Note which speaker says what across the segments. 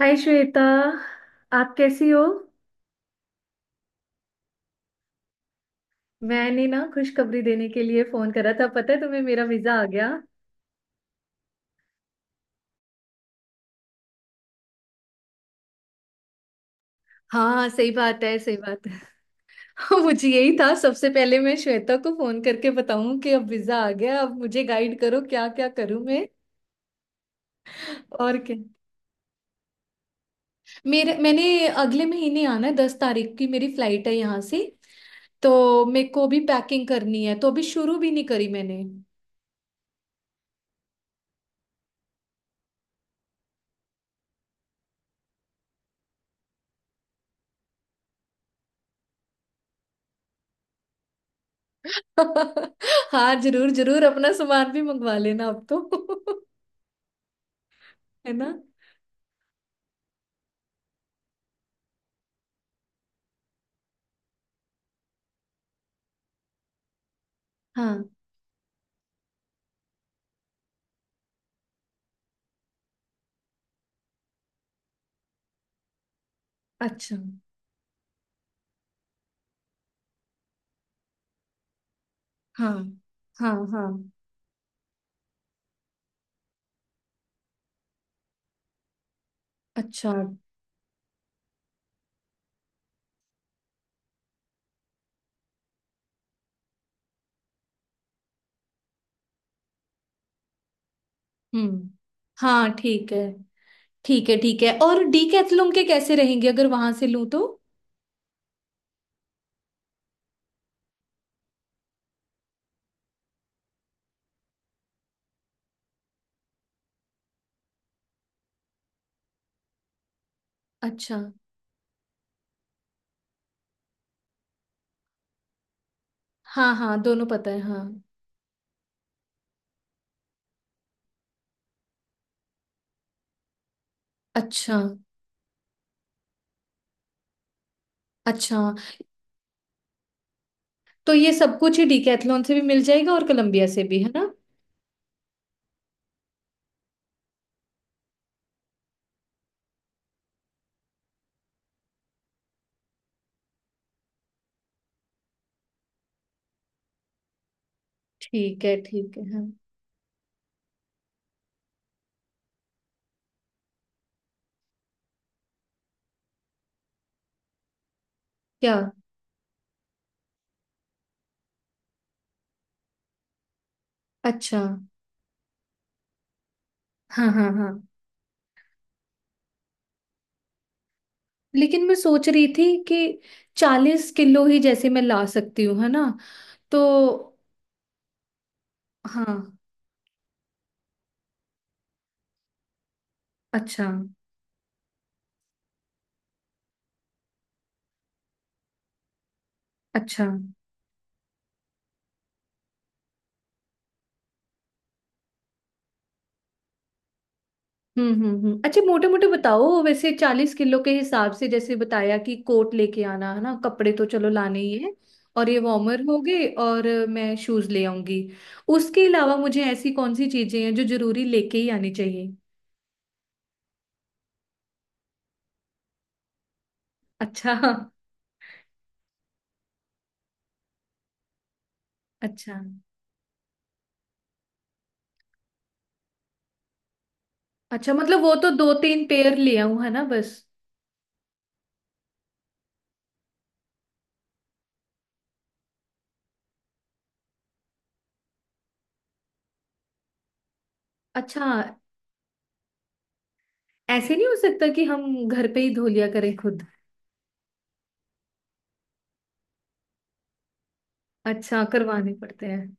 Speaker 1: हाय श्वेता, आप कैसी हो। मैंने ना खुशखबरी देने के लिए फोन करा था। पता है तुम्हें, मेरा वीजा आ गया। हाँ सही बात है, सही बात है। मुझे यही था, सबसे पहले मैं श्वेता को फोन करके बताऊं कि अब वीजा आ गया। अब मुझे गाइड करो क्या क्या करूं मैं। और क्या। मेरे मैंने अगले महीने आना है। 10 तारीख की मेरी फ्लाइट है यहाँ से। तो मेरे को भी पैकिंग करनी है, तो अभी शुरू भी नहीं करी मैंने। हाँ जरूर जरूर, अपना सामान भी मंगवा लेना अब तो। है ना। हाँ। अच्छा। हाँ हाँ हाँ। अच्छा। हम्म। हाँ ठीक है। ठीक है ठीक है, और डीकैथलॉन के कैसे रहेंगे अगर वहां से लूँ तो। अच्छा। हाँ हाँ, दोनों पता है हाँ। अच्छा। अच्छा, तो ये सब कुछ ही डीकैथलॉन से भी मिल जाएगा और कोलंबिया से भी, है ना। ठीक है हाँ। क्या। अच्छा। हाँ हाँ हाँ। लेकिन मैं सोच रही थी कि 40 किलो ही जैसे मैं ला सकती हूँ, है ना। तो। हाँ। अच्छा। अच्छा। अच्छा मोटे मोटे बताओ वैसे, 40 किलो के हिसाब से। जैसे बताया कि कोट लेके आना, है ना कपड़े तो चलो लाने ही है। और ये वार्मर हो गए, और मैं शूज ले आऊंगी। उसके अलावा मुझे ऐसी कौन सी चीजें हैं जो जरूरी लेके ही आनी चाहिए। अच्छा। अच्छा। अच्छा मतलब, वो तो दो तीन पेयर ले आऊं है ना बस। अच्छा, ऐसे नहीं हो सकता कि हम घर पे ही धो लिया करें खुद। अच्छा करवाने पड़ते हैं।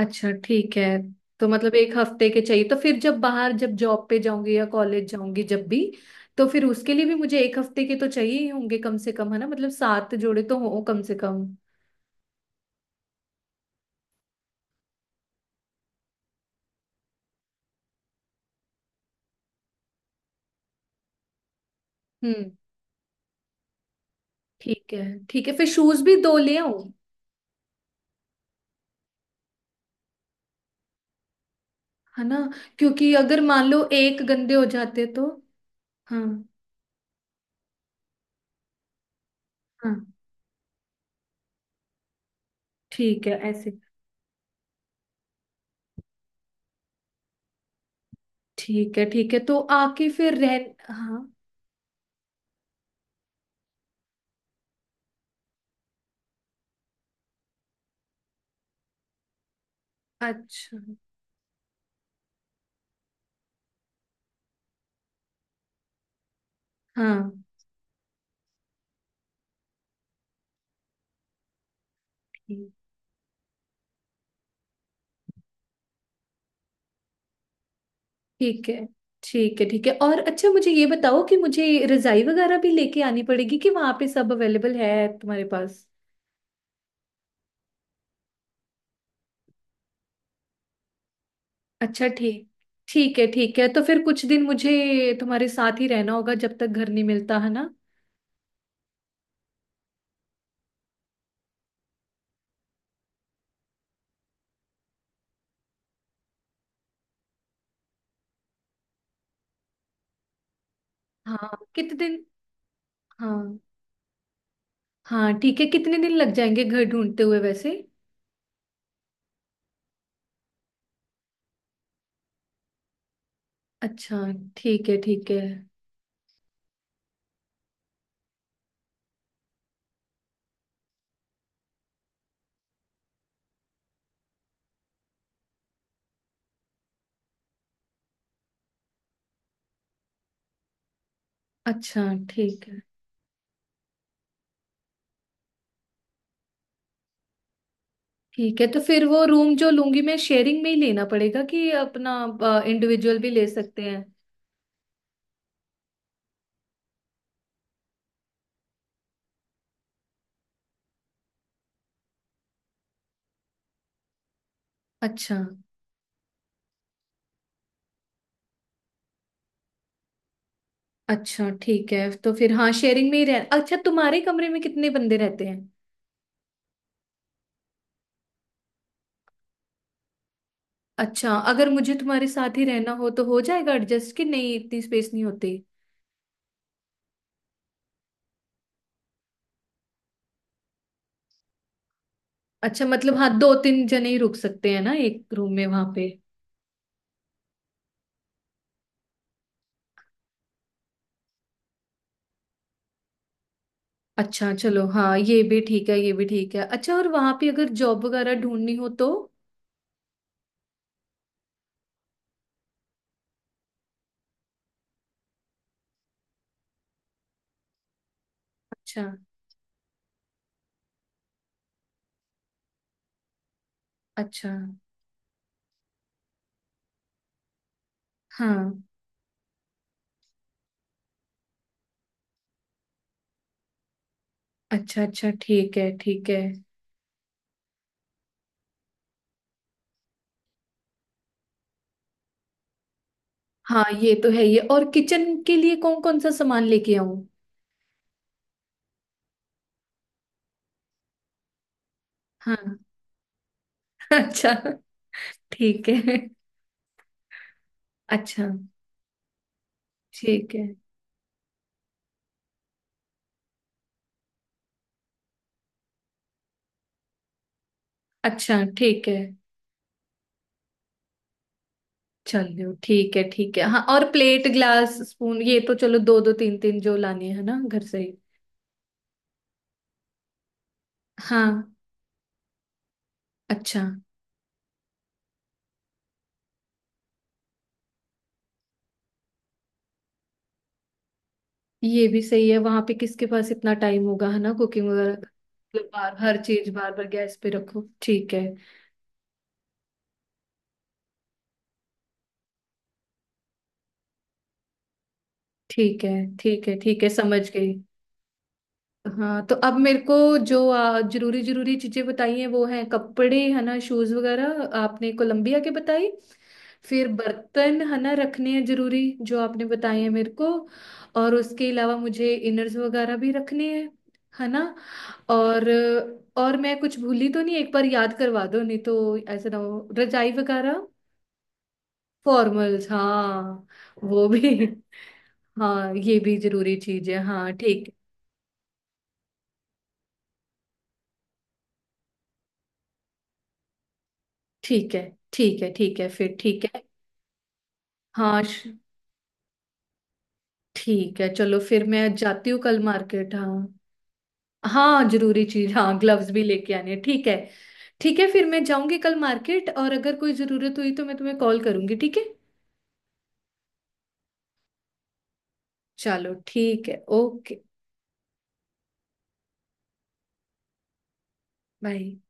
Speaker 1: अच्छा ठीक है। तो मतलब एक हफ्ते के चाहिए, तो फिर जब बाहर, जब जॉब पे जाऊंगी या कॉलेज जाऊंगी, जब भी, तो फिर उसके लिए भी मुझे एक हफ्ते के तो चाहिए ही होंगे कम से कम, है ना। मतलब 7 जोड़े तो हो कम से कम। हम्म। ठीक है। ठीक है फिर शूज भी दो ले आऊं, है ना, क्योंकि अगर मान लो एक गंदे हो जाते तो। हाँ। हाँ। ठीक है, ऐसे। ठीक है ठीक है। तो आके फिर रह। हाँ। अच्छा। हाँ। ठीक है। ठीक है ठीक है, और अच्छा मुझे ये बताओ कि मुझे रजाई वगैरह भी लेके आनी पड़ेगी कि वहां पे सब अवेलेबल है तुम्हारे पास। अच्छा ठीक। ठीक है ठीक है। तो फिर कुछ दिन मुझे तुम्हारे साथ ही रहना होगा जब तक घर नहीं मिलता, है ना। हाँ कितने दिन। हाँ। हाँ ठीक है, कितने दिन लग जाएंगे घर ढूंढते हुए वैसे। अच्छा। ठीक है ठीक है। अच्छा। ठीक है ठीक है। तो फिर वो रूम जो लूंगी मैं, शेयरिंग में ही लेना पड़ेगा कि अपना इंडिविजुअल भी ले सकते हैं। अच्छा। अच्छा ठीक है तो फिर हाँ, शेयरिंग में ही रह। अच्छा तुम्हारे कमरे में कितने बंदे रहते हैं। अच्छा अगर मुझे तुम्हारे साथ ही रहना हो तो हो जाएगा एडजस्ट कि नहीं, इतनी स्पेस नहीं होती। अच्छा मतलब, हाँ दो तीन जने ही रुक सकते हैं ना एक रूम में वहां पे। अच्छा चलो, हाँ ये भी ठीक है, ये भी ठीक है। अच्छा और वहां पे अगर जॉब वगैरह ढूंढनी हो तो। अच्छा। अच्छा। हाँ। अच्छा। अच्छा ठीक है ठीक है। हाँ ये तो है। ये, और किचन के लिए कौन कौन सा सामान लेके आऊं। हाँ। अच्छा। ठीक है। अच्छा। ठीक है। अच्छा ठीक है। चलो ठीक है हाँ। और प्लेट, ग्लास, स्पून, ये तो चलो दो दो तीन तीन जो लानी है ना घर से ही। हाँ। अच्छा। ये भी सही है, वहां पे किसके पास इतना टाइम होगा, है ना, कुकिंग वगैरह का? मतलब बार हर चीज बार बार गैस पे रखो। ठीक है। ठीक है। ठीक है ठीक है समझ गई। हाँ तो अब मेरे को जो जरूरी जरूरी चीजें बताई हैं वो हैं कपड़े, है ना, शूज वगैरह आपने कोलंबिया के बताई। फिर बर्तन है ना रखने हैं, जरूरी जो आपने बताए हैं मेरे को। और उसके अलावा मुझे इनर्स वगैरह भी रखने हैं, है ना। और। और मैं कुछ भूली तो नहीं, एक बार याद करवा दो, नहीं तो ऐसा ना हो। रजाई वगैरह। फॉर्मल्स हाँ। वो भी। हाँ ये भी जरूरी चीज है, हाँ ठीक। ठीक है ठीक है। ठीक है फिर ठीक है। हाँ। ठीक है, चलो फिर मैं जाती हूँ कल मार्केट। हाँ। हाँ जरूरी चीज, हाँ ग्लव्स भी लेके आने हैं, ठीक है। ठीक है फिर मैं जाऊंगी कल मार्केट, और अगर कोई जरूरत हुई तो मैं तुम्हें कॉल करूंगी, ठीक है। चलो ठीक है, ओके। बाय।